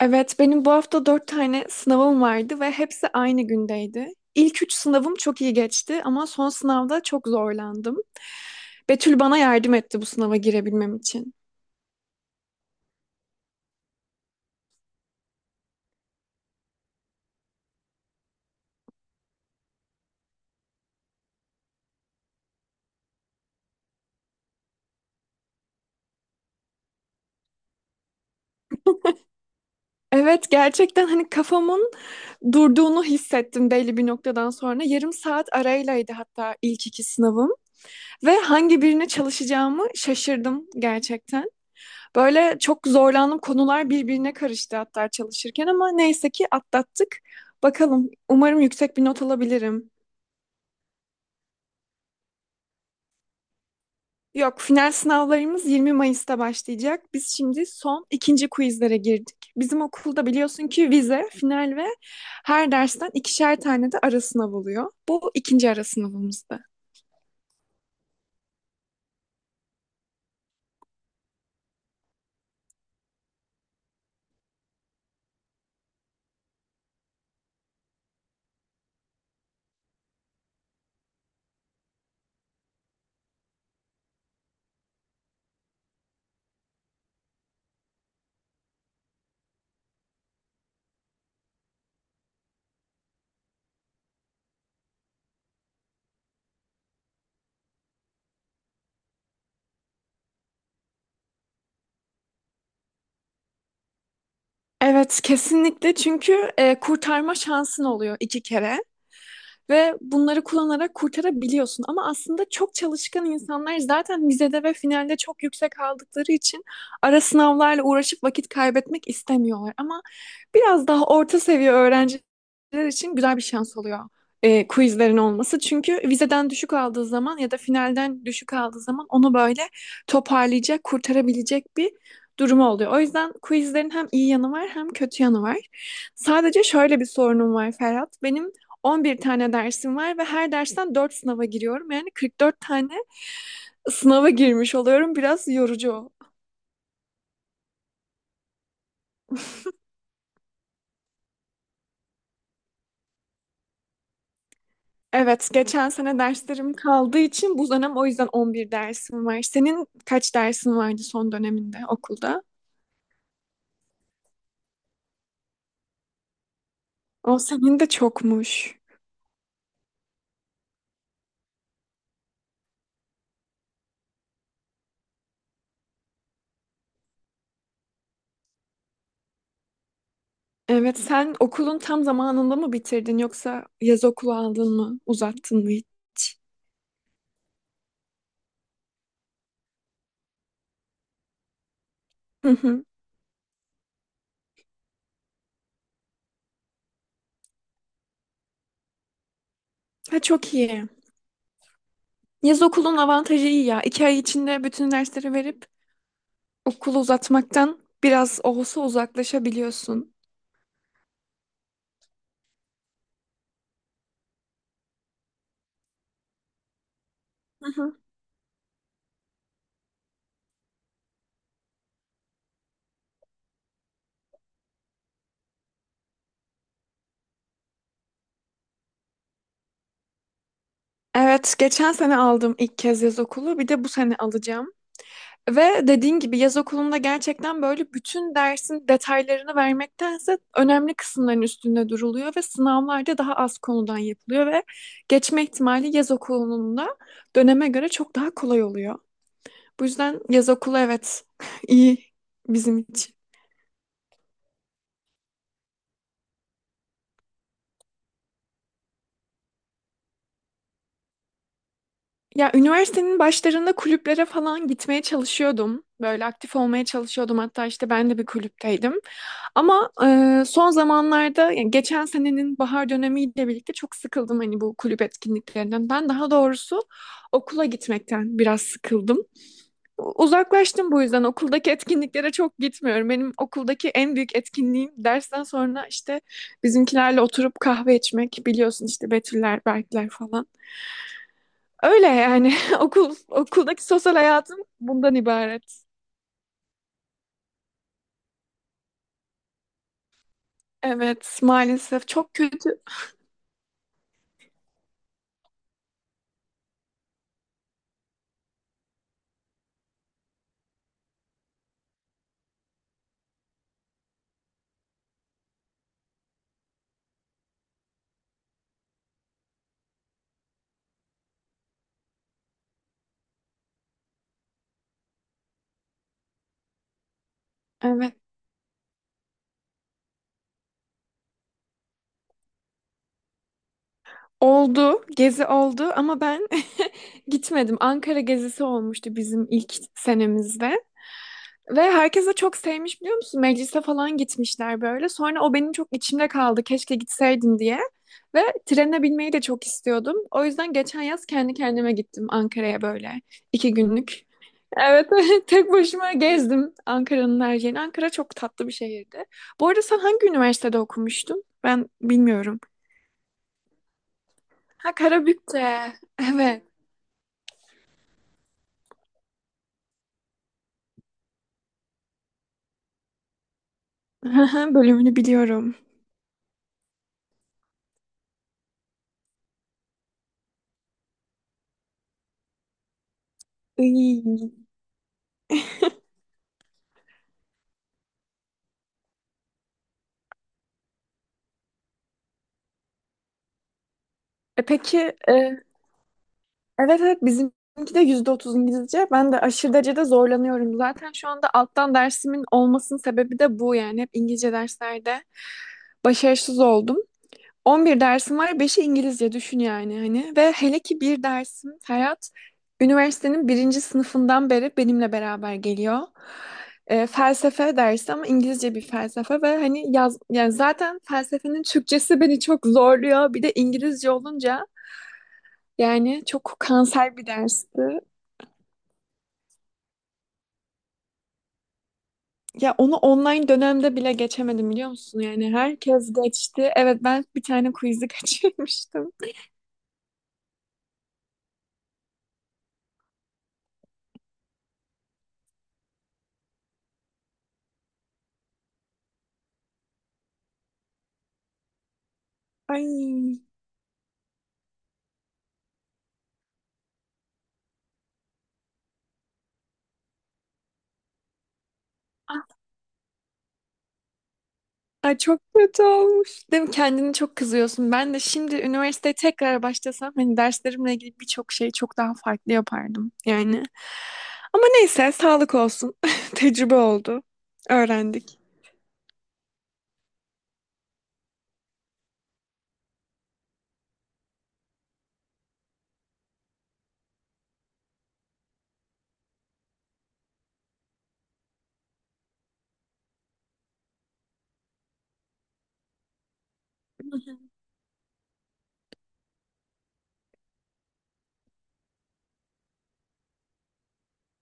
Evet, benim bu hafta dört tane sınavım vardı ve hepsi aynı gündeydi. İlk üç sınavım çok iyi geçti ama son sınavda çok zorlandım. Betül bana yardım etti bu sınava girebilmem için. Evet, gerçekten hani kafamın durduğunu hissettim belli bir noktadan sonra. Yarım saat araylaydı hatta ilk iki sınavım ve hangi birine çalışacağımı şaşırdım gerçekten. Böyle çok zorlandığım konular birbirine karıştı hatta çalışırken ama neyse ki atlattık. Bakalım umarım yüksek bir not alabilirim. Yok, final sınavlarımız 20 Mayıs'ta başlayacak. Biz şimdi son ikinci quizlere girdik. Bizim okulda biliyorsun ki vize, final ve her dersten ikişer tane de ara sınav oluyor. Bu ikinci ara sınavımızdı. Evet, kesinlikle çünkü kurtarma şansın oluyor iki kere ve bunları kullanarak kurtarabiliyorsun. Ama aslında çok çalışkan insanlar zaten vizede ve finalde çok yüksek aldıkları için ara sınavlarla uğraşıp vakit kaybetmek istemiyorlar. Ama biraz daha orta seviye öğrenciler için güzel bir şans oluyor quizlerin olması. Çünkü vizeden düşük aldığı zaman ya da finalden düşük aldığı zaman onu böyle toparlayacak, kurtarabilecek bir durumu oluyor. O yüzden quizlerin hem iyi yanı var hem kötü yanı var. Sadece şöyle bir sorunum var Ferhat. Benim 11 tane dersim var ve her dersten 4 sınava giriyorum. Yani 44 tane sınava girmiş oluyorum. Biraz yorucu. Evet, geçen sene derslerim kaldığı için bu dönem o yüzden 11 dersim var. Senin kaç dersin vardı son döneminde okulda? O senin de çokmuş. Evet, sen okulun tam zamanında mı bitirdin yoksa yaz okulu aldın mı, uzattın mı hiç? Hı hı. Ha, çok iyi. Yaz okulun avantajı iyi ya. İki ay içinde bütün dersleri verip okulu uzatmaktan biraz olsa uzaklaşabiliyorsun. Hı hı. Evet, geçen sene aldım ilk kez yaz okulu. Bir de bu sene alacağım. Ve dediğin gibi yaz okulunda gerçekten böyle bütün dersin detaylarını vermektense önemli kısımların üstünde duruluyor ve sınavlarda daha az konudan yapılıyor ve geçme ihtimali yaz okulunun da döneme göre çok daha kolay oluyor. Bu yüzden yaz okulu evet, iyi bizim için. Ya üniversitenin başlarında kulüplere falan gitmeye çalışıyordum. Böyle aktif olmaya çalışıyordum. Hatta işte ben de bir kulüpteydim. Ama son zamanlarda, yani geçen senenin bahar dönemiyle birlikte çok sıkıldım hani bu kulüp etkinliklerinden. Ben daha doğrusu okula gitmekten biraz sıkıldım. Uzaklaştım, bu yüzden okuldaki etkinliklere çok gitmiyorum. Benim okuldaki en büyük etkinliğim dersten sonra işte bizimkilerle oturup kahve içmek. Biliyorsun işte Betüller, Berkler falan. Öyle yani, okuldaki sosyal hayatım bundan ibaret. Evet, maalesef çok kötü. Evet. Oldu. Gezi oldu ama ben gitmedim. Ankara gezisi olmuştu bizim ilk senemizde. Ve herkes de çok sevmiş, biliyor musun? Meclise falan gitmişler böyle. Sonra o benim çok içimde kaldı, keşke gitseydim diye. Ve trene binmeyi de çok istiyordum. O yüzden geçen yaz kendi kendime gittim Ankara'ya, böyle iki günlük. Evet, tek başıma gezdim Ankara'nın her yerini. Ankara çok tatlı bir şehirdi. Bu arada sen hangi üniversitede okumuştun? Ben bilmiyorum. Ha, Karabük'te. Evet. Bölümünü biliyorum. Iy. E peki, e, evet evet, bizimki de %30 İngilizce. Ben de aşırı derecede zorlanıyorum. Zaten şu anda alttan dersimin olmasının sebebi de bu yani. Hep İngilizce derslerde başarısız oldum. 11 dersim var, 5'i İngilizce, düşün yani hani. Ve hele ki bir dersim Ferhat, üniversitenin birinci sınıfından beri benimle beraber geliyor. Felsefe dersi ama İngilizce bir felsefe ve hani yaz, yani zaten felsefenin Türkçesi beni çok zorluyor. Bir de İngilizce olunca yani çok kanser bir dersti. Ya onu online dönemde bile geçemedim, biliyor musun? Yani herkes geçti. Evet, ben bir tane quiz'i kaçırmıştım. Ay. Ay, çok kötü olmuş. Değil mi? Kendini çok kızıyorsun. Ben de şimdi üniversiteye tekrar başlasam hani derslerimle ilgili birçok şeyi çok daha farklı yapardım. Yani. Ama neyse, sağlık olsun. Tecrübe oldu. Öğrendik. Hı hı.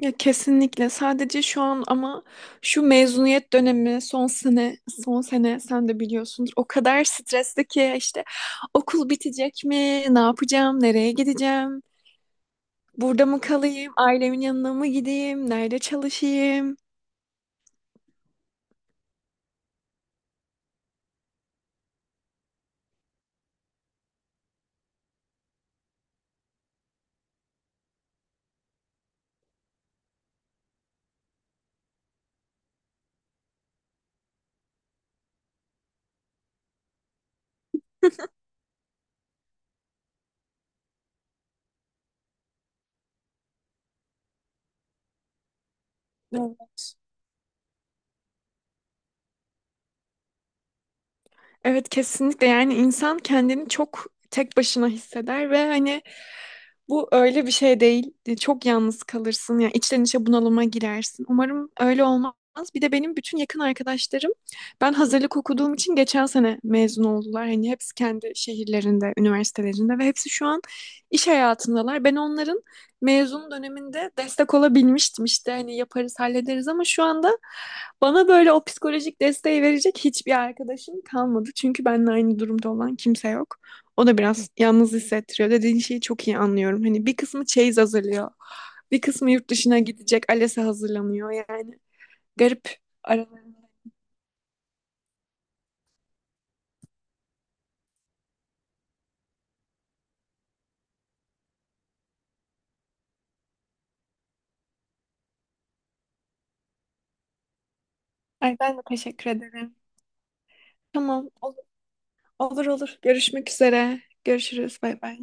Ya kesinlikle. Sadece şu an ama şu mezuniyet dönemi son sene, sen de biliyorsundur. O kadar stresli ki işte okul bitecek mi? Ne yapacağım? Nereye gideceğim? Burada mı kalayım? Ailemin yanına mı gideyim? Nerede çalışayım? Evet. Evet, kesinlikle yani insan kendini çok tek başına hisseder ve hani bu öyle bir şey değil. Çok yalnız kalırsın. Yani içten içe bunalıma girersin. Umarım öyle olmaz. Bir de benim bütün yakın arkadaşlarım, ben hazırlık okuduğum için, geçen sene mezun oldular. Hani hepsi kendi şehirlerinde, üniversitelerinde ve hepsi şu an iş hayatındalar. Ben onların mezun döneminde destek olabilmiştim, işte hani yaparız hallederiz, ama şu anda bana böyle o psikolojik desteği verecek hiçbir arkadaşım kalmadı. Çünkü benimle aynı durumda olan kimse yok. O da biraz yalnız hissettiriyor. Dediğin şeyi çok iyi anlıyorum. Hani bir kısmı çeyiz hazırlıyor. Bir kısmı yurt dışına gidecek. ALES'e hazırlanıyor yani. Garip aralarında. Ay, ben de teşekkür ederim. Tamam. Olur olur. Olur. Görüşmek üzere. Görüşürüz. Bay bay.